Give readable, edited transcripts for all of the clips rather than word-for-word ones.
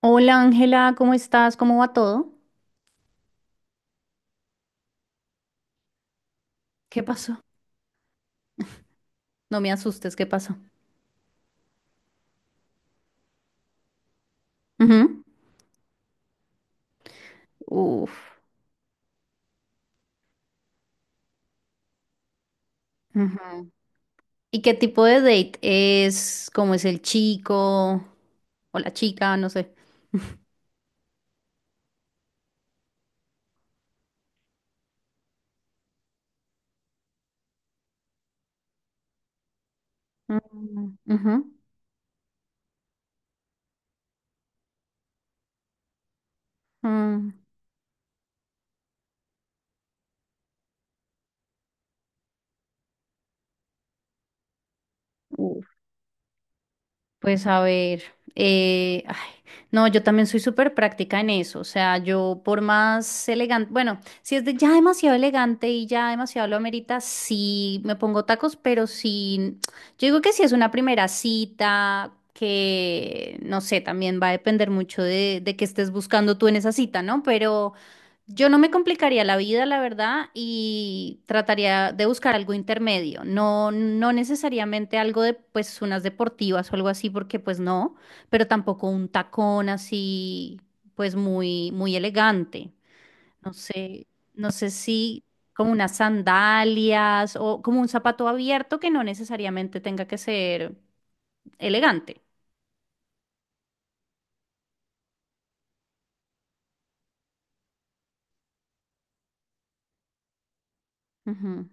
Hola Ángela, ¿cómo estás? ¿Cómo va todo? ¿Qué pasó? No me asustes, ¿qué pasó? Ujú. Uf. Ujú. ¿Y qué tipo de date es? ¿Cómo es el chico o la chica? No sé. Mm, ujú, mm. Uf. Pues a ver, ay, no, yo también soy súper práctica en eso, o sea, yo por más elegante, bueno, si es de ya demasiado elegante y ya demasiado lo amerita, sí me pongo tacos, pero sí, yo digo que si es una primera cita, que no sé, también va a depender mucho de qué estés buscando tú en esa cita, ¿no? Pero... Yo no me complicaría la vida, la verdad, y trataría de buscar algo intermedio, no, no necesariamente algo de pues unas deportivas o algo así, porque pues no, pero tampoco un tacón así, pues muy, muy elegante. No sé, no sé si como unas sandalias o como un zapato abierto que no necesariamente tenga que ser elegante. Ujú,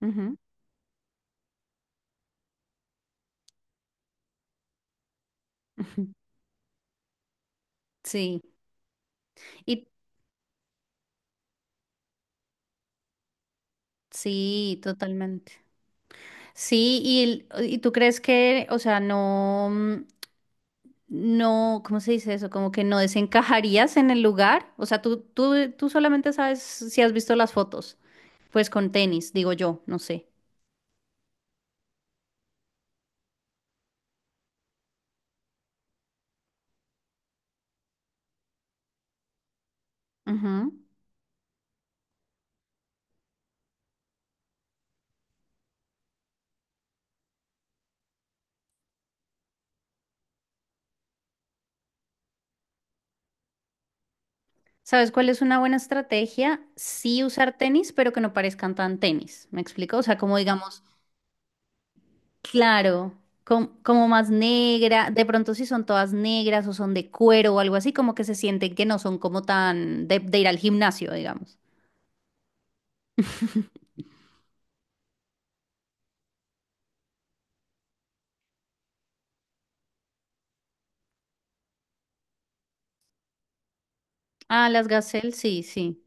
ujú, ujú. Sí, y sí, totalmente. Sí, y, y tú crees que, o sea, no, no, ¿cómo se dice eso? Como que no desencajarías en el lugar. O sea, tú solamente sabes si has visto las fotos, pues con tenis, digo yo, no sé. Ujú. ¿Sabes cuál es una buena estrategia? Sí usar tenis, pero que no parezcan tan tenis. ¿Me explico? O sea, como digamos, claro, como más negra, de pronto si son todas negras o son de cuero o algo así, como que se sienten que no son como tan de ir al gimnasio, digamos. Ah, las gazelle, sí, sí.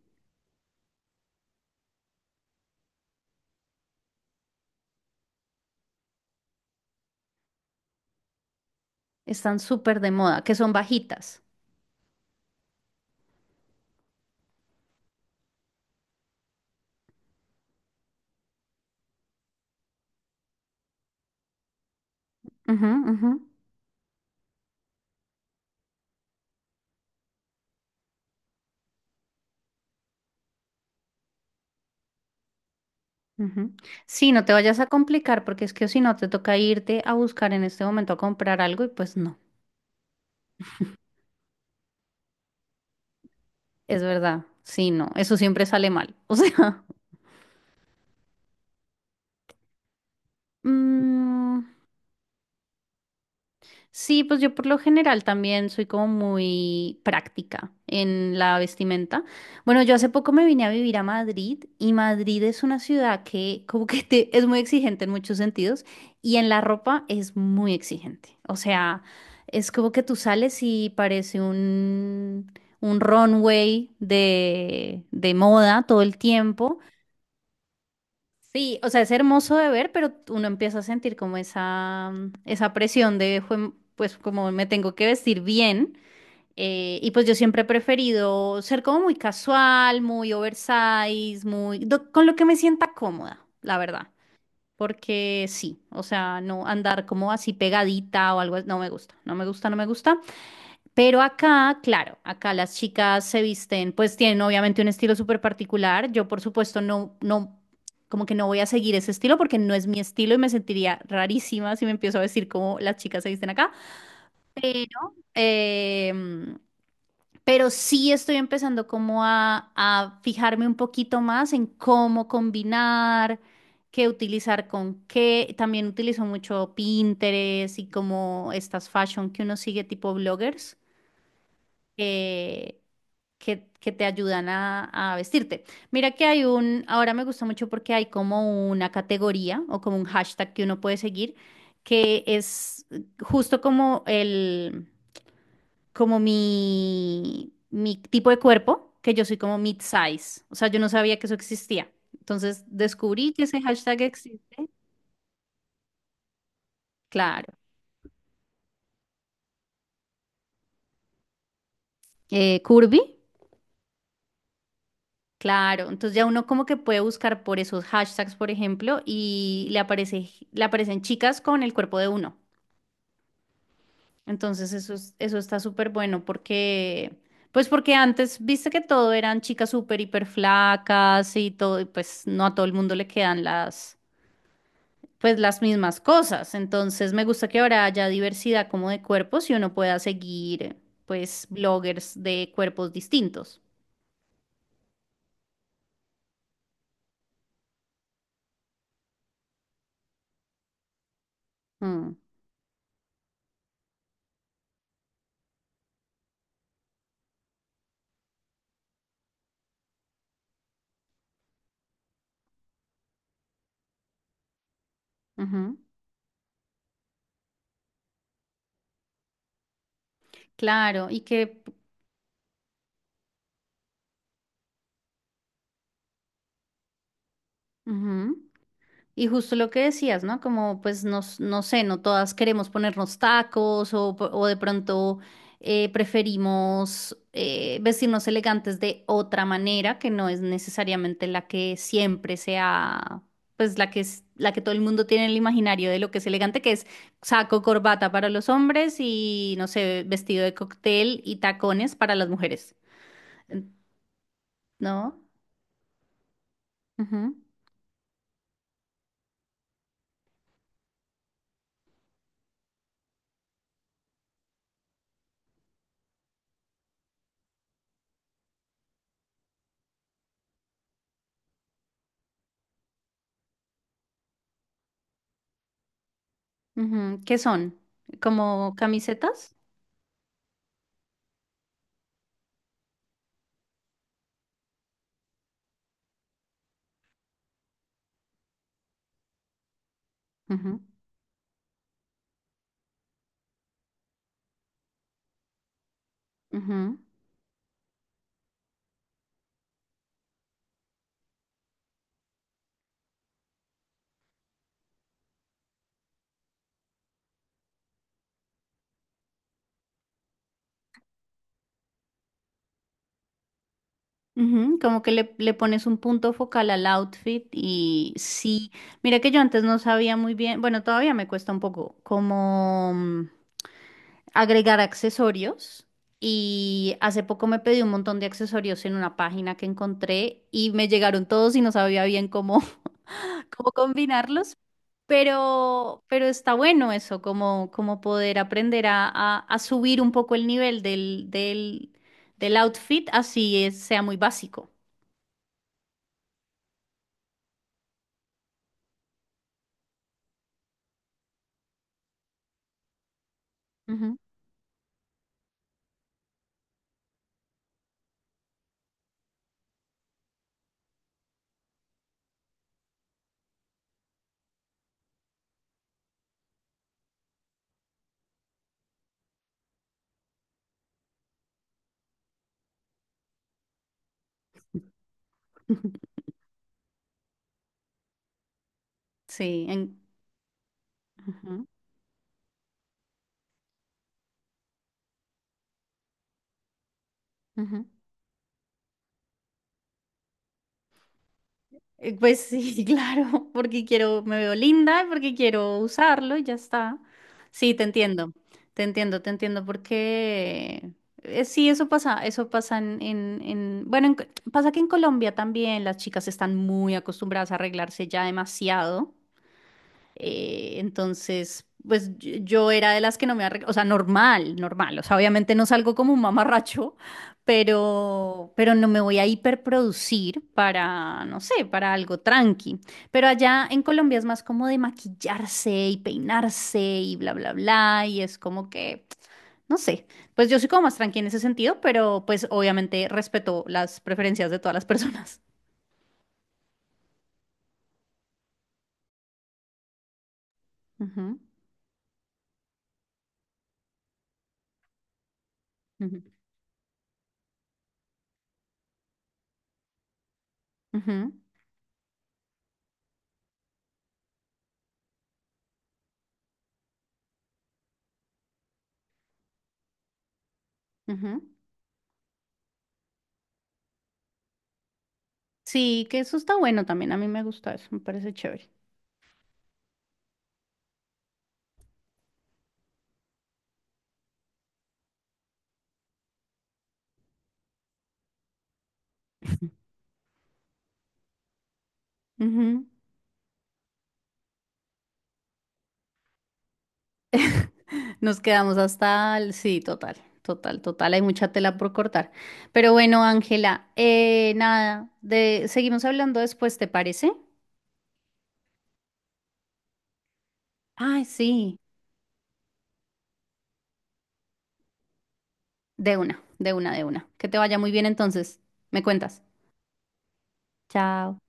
Están súper de moda, que son bajitas. Ujú, ujú, ujú. Sí, no te vayas a complicar porque es que si no te toca irte a buscar en este momento a comprar algo y pues no, es verdad. Sí, no, eso siempre sale mal. O sea, mm, sí, pues yo por lo general también soy como muy práctica en la vestimenta. Bueno, yo hace poco me vine a vivir a Madrid y Madrid es una ciudad que como que es muy exigente en muchos sentidos y en la ropa es muy exigente. O sea, es como que tú sales y parece un runway de moda todo el tiempo. Sí, o sea, es hermoso de ver, pero uno empieza a sentir como esa presión de, Pues como me tengo que vestir bien." Y pues yo siempre he preferido ser como muy casual, muy oversize, con lo que me sienta cómoda, la verdad. Porque sí, o sea, no andar como así pegadita o algo, no me gusta, no me gusta, no me gusta. Pero acá, claro, acá las chicas se visten, pues tienen obviamente un estilo súper particular. Yo, por supuesto, no, no, como que no voy a seguir ese estilo porque no es mi estilo y me sentiría rarísima si me empiezo a vestir como las chicas se visten acá. Pero, em, pero, sí estoy empezando como a fijarme un poquito más en cómo combinar, qué utilizar con qué. También utilizo mucho Pinterest y como estas fashion que uno sigue tipo bloggers, eh, que te ayudan a vestirte. Mira que hay ahora me gusta mucho porque hay como una categoría o como un hashtag que uno puede seguir, que es justo como mi tipo de cuerpo, que yo soy como mid-size. O sea, yo no sabía que eso existía. Entonces descubrí que ese hashtag existe. Claro. Curvy. Claro, entonces ya uno como que puede buscar por esos hashtags, por ejemplo, y le aparece, le aparecen chicas con el cuerpo de uno. Entonces eso está súper bueno pues porque antes viste que todo eran chicas súper hiper flacas y todo, y pues no a todo el mundo le quedan pues las mismas cosas. Entonces me gusta que ahora haya diversidad como de cuerpos y uno pueda seguir, pues, bloggers de cuerpos distintos. Mm, ujú. Claro, ujú. Y justo lo que decías, ¿no? Como pues no sé, no todas queremos ponernos tacos o de pronto preferimos vestirnos elegantes de otra manera que no es necesariamente la que siempre sea, pues la que es, la que todo el mundo tiene en el imaginario de lo que es elegante, que es saco, corbata para los hombres y no sé, vestido de cóctel y tacones para las mujeres. ¿No? Ujú, ujú. ¿Qué son? ¿Como camisetas? Ujú, ujú. Como que le pones un punto focal al outfit y sí, mira que yo antes no sabía muy bien, bueno, todavía me cuesta un poco como agregar accesorios y hace poco me pedí un montón de accesorios en una página que encontré y me llegaron todos y no sabía bien cómo, cómo combinarlos. Pero, está bueno eso, como poder aprender a, a subir un poco el nivel del outfit, así sea muy básico. Ujú. Sí, ujú, ujú. Pues sí, claro, porque quiero, me veo linda, porque quiero usarlo y ya está. Sí, te entiendo, te entiendo, te entiendo, porque sí, eso pasa bueno, pasa que en Colombia también las chicas están muy acostumbradas a arreglarse ya demasiado. Entonces, pues yo era de las que no me arreglaba, o sea, normal, normal, o sea, obviamente no salgo como un mamarracho, pero no me voy a hiperproducir para, no sé, para algo tranqui. Pero allá en Colombia es más como de maquillarse y peinarse y bla, bla, bla, y es como que, no sé, pues yo soy como más tranqui en ese sentido, pero pues obviamente respeto las preferencias de todas las personas. Ujú, ujú, ujú, ujú. Sí, que eso está bueno también. A mí me gusta eso, me parece chévere. Ujú. Nos quedamos hasta el. Sí, total, total, total. Hay mucha tela por cortar. Pero bueno, Ángela, nada, seguimos hablando después, ¿te parece? Ay, sí, de una, de una, de una. Que te vaya muy bien entonces. Me cuentas. Chao.